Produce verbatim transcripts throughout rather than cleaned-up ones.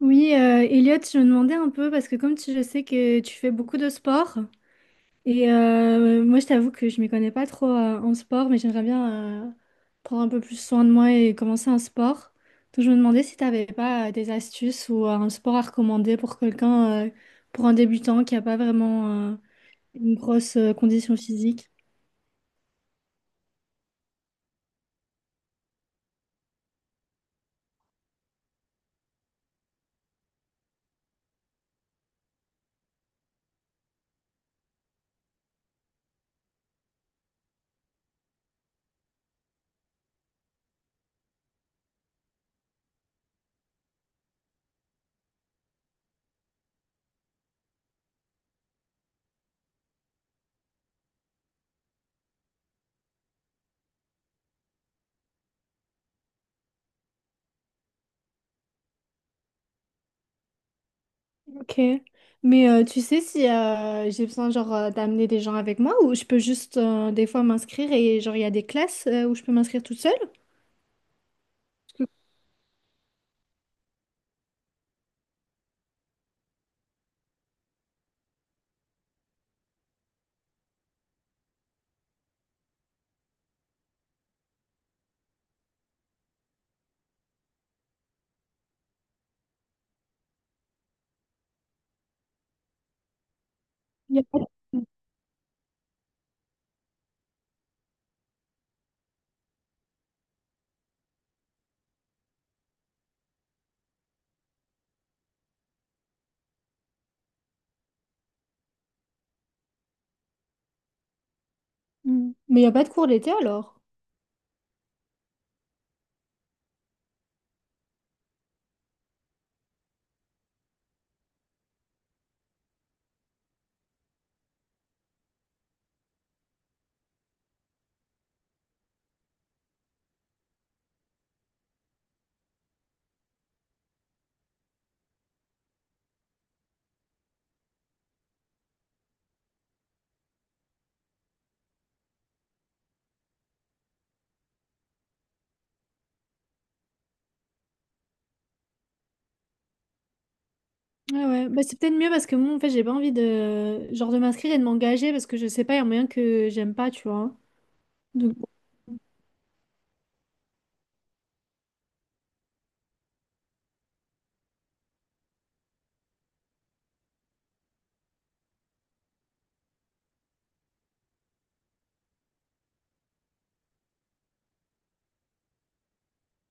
Oui, euh, Elliot, je me demandais un peu, parce que comme tu, je sais que tu fais beaucoup de sport, et euh, moi je t'avoue que je m'y connais pas trop euh, en sport, mais j'aimerais bien euh, prendre un peu plus soin de moi et commencer un sport. Donc je me demandais si tu n'avais pas euh, des astuces ou euh, un sport à recommander pour quelqu'un, euh, pour un débutant qui n'a pas vraiment euh, une grosse euh, condition physique. Ok. Mais euh, tu sais si euh, j'ai besoin genre euh, d'amener des gens avec moi ou je peux juste euh, des fois m'inscrire et genre il y a des classes euh, où je peux m'inscrire toute seule? Il y a pas de- Mm. Mais il n'y a pas de cours l'été alors? Ouais, ouais. Bah, c'est peut-être mieux parce que moi, en fait, j'ai pas envie de, genre, de m'inscrire et de m'engager parce que je sais pas, il y a moyen que j'aime pas, tu vois. Donc...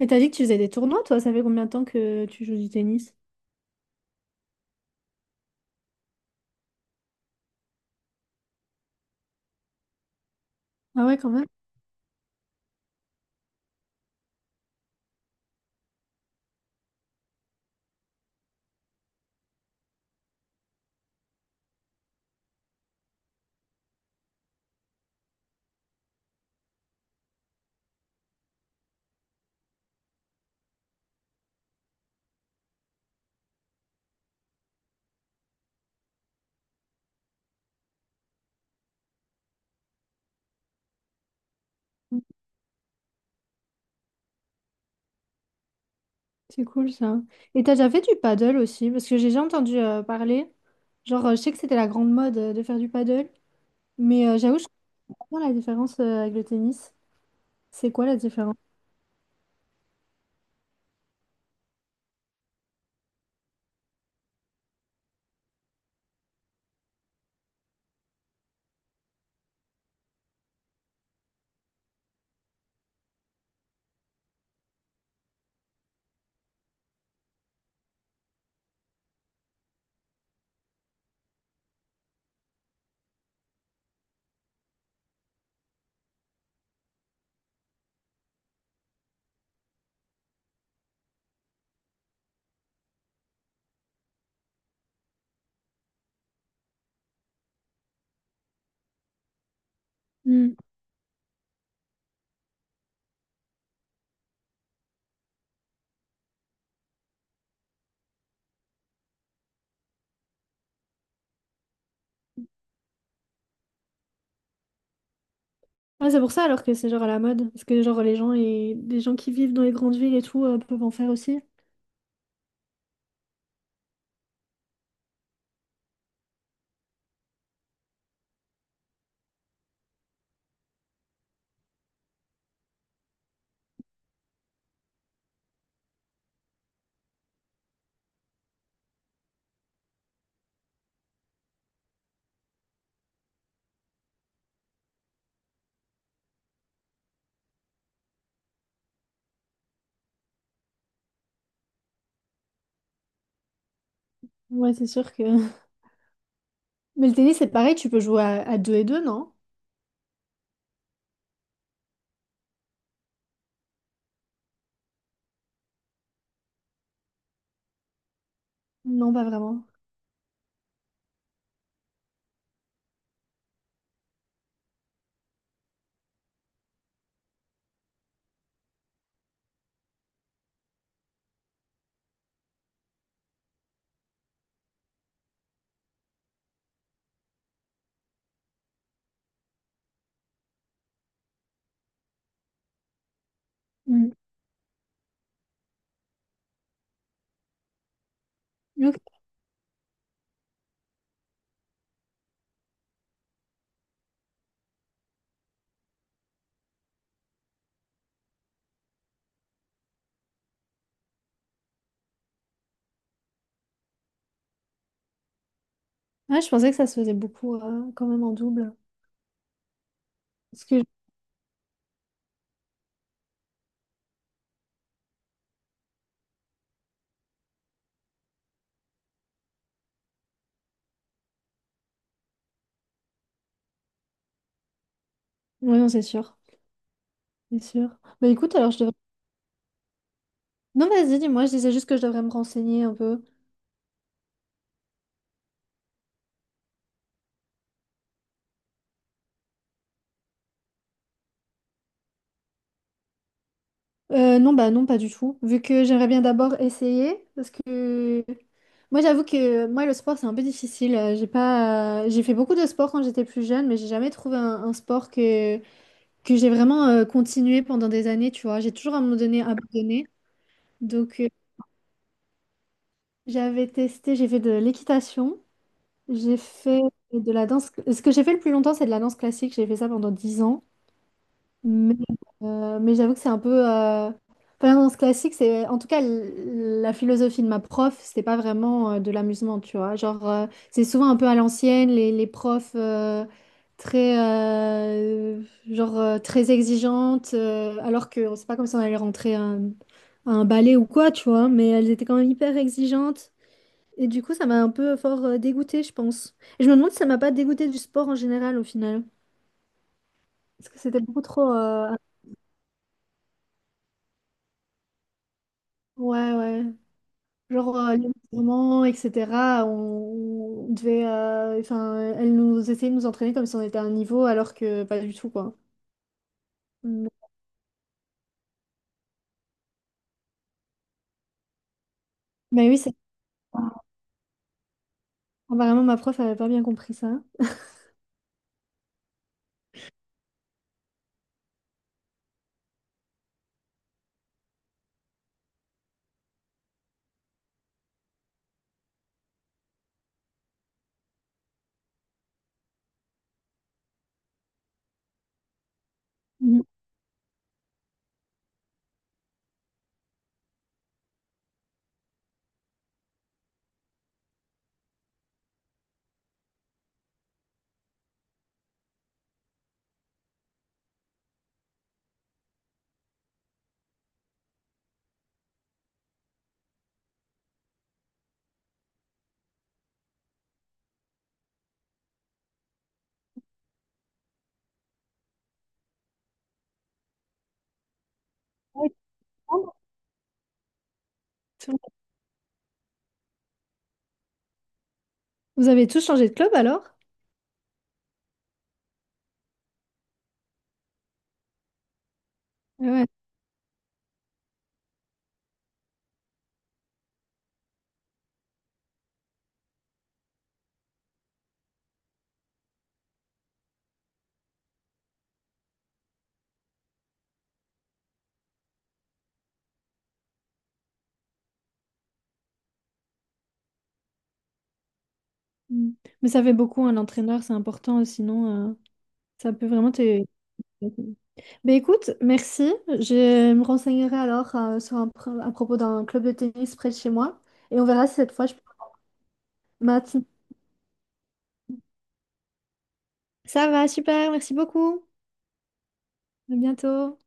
Et t'as dit que tu faisais des tournois, toi? Ça fait combien de temps que tu joues du tennis? Ah ouais, quand même. Mm. C'est cool ça. Et t'as déjà fait du paddle aussi? Parce que j'ai déjà entendu euh, parler. Genre, euh, je sais que c'était la grande mode euh, de faire du paddle. Mais euh, j'avoue, je comprends pas la différence euh, avec le tennis. C'est quoi la différence? Ouais, c'est pour ça alors que c'est genre à la mode. Parce que genre les gens et les gens qui vivent dans les grandes villes et tout euh, peuvent en faire aussi. Ouais, c'est sûr que. Mais le tennis, c'est pareil, tu peux jouer à, à deux et deux, non? Non, pas vraiment. Mm. Ok. Ouais, je pensais que ça se faisait beaucoup euh, quand même en double. Parce que... Ouais, non, c'est sûr. C'est sûr. Bah écoute, alors je devrais... Non, vas-y, dis-moi, je disais juste que je devrais me renseigner un peu. Euh, non, bah non, pas du tout. Vu que j'aimerais bien d'abord essayer, parce que moi j'avoue que moi le sport c'est un peu difficile. Euh, J'ai pas, euh, j'ai fait beaucoup de sport quand j'étais plus jeune, mais j'ai jamais trouvé un, un sport que que j'ai vraiment euh, continué pendant des années. Tu vois, j'ai toujours à un moment donné abandonné. Donc euh, j'avais testé, j'ai fait de l'équitation, j'ai fait de la danse. Ce que j'ai fait le plus longtemps, c'est de la danse classique. J'ai fait ça pendant dix ans. Mais, euh, mais j'avoue que c'est un peu. Euh... enfin, dans ce classique, c'est. En tout cas, l- la philosophie de ma prof, c'était pas vraiment euh, de l'amusement, tu vois. Genre, euh, c'est souvent un peu à l'ancienne, les, les profs euh, très. euh, Genre, euh, très exigeantes, euh, alors que c'est pas comme si on allait rentrer à un, à un ballet ou quoi, tu vois. Mais elles étaient quand même hyper exigeantes. Et du coup, ça m'a un peu fort euh, dégoûtée, je pense. Et je me demande si ça m'a pas dégoûtée du sport en général, au final. Parce que c'était beaucoup trop. euh, Ouais, ouais. Genre, euh, les mouvements, et cetera. On, on devait, euh, enfin, elle nous essayait de nous entraîner comme si on était à un niveau, alors que pas du tout, quoi. Mm. Mais oui, c'est- apparemment, ma prof avait pas bien compris ça. Mhm. Ouais, c'est bon. Vous avez tous changé de club alors? Ah ouais. Mm. Mais ça fait beaucoup, un entraîneur, c'est important, sinon euh, ça peut vraiment te... Mais écoute, merci. Je me renseignerai alors euh, sur un pro- à propos d'un club de tennis près de chez moi et on verra si cette fois je peux maintenir. Ça va, super, merci beaucoup. À bientôt.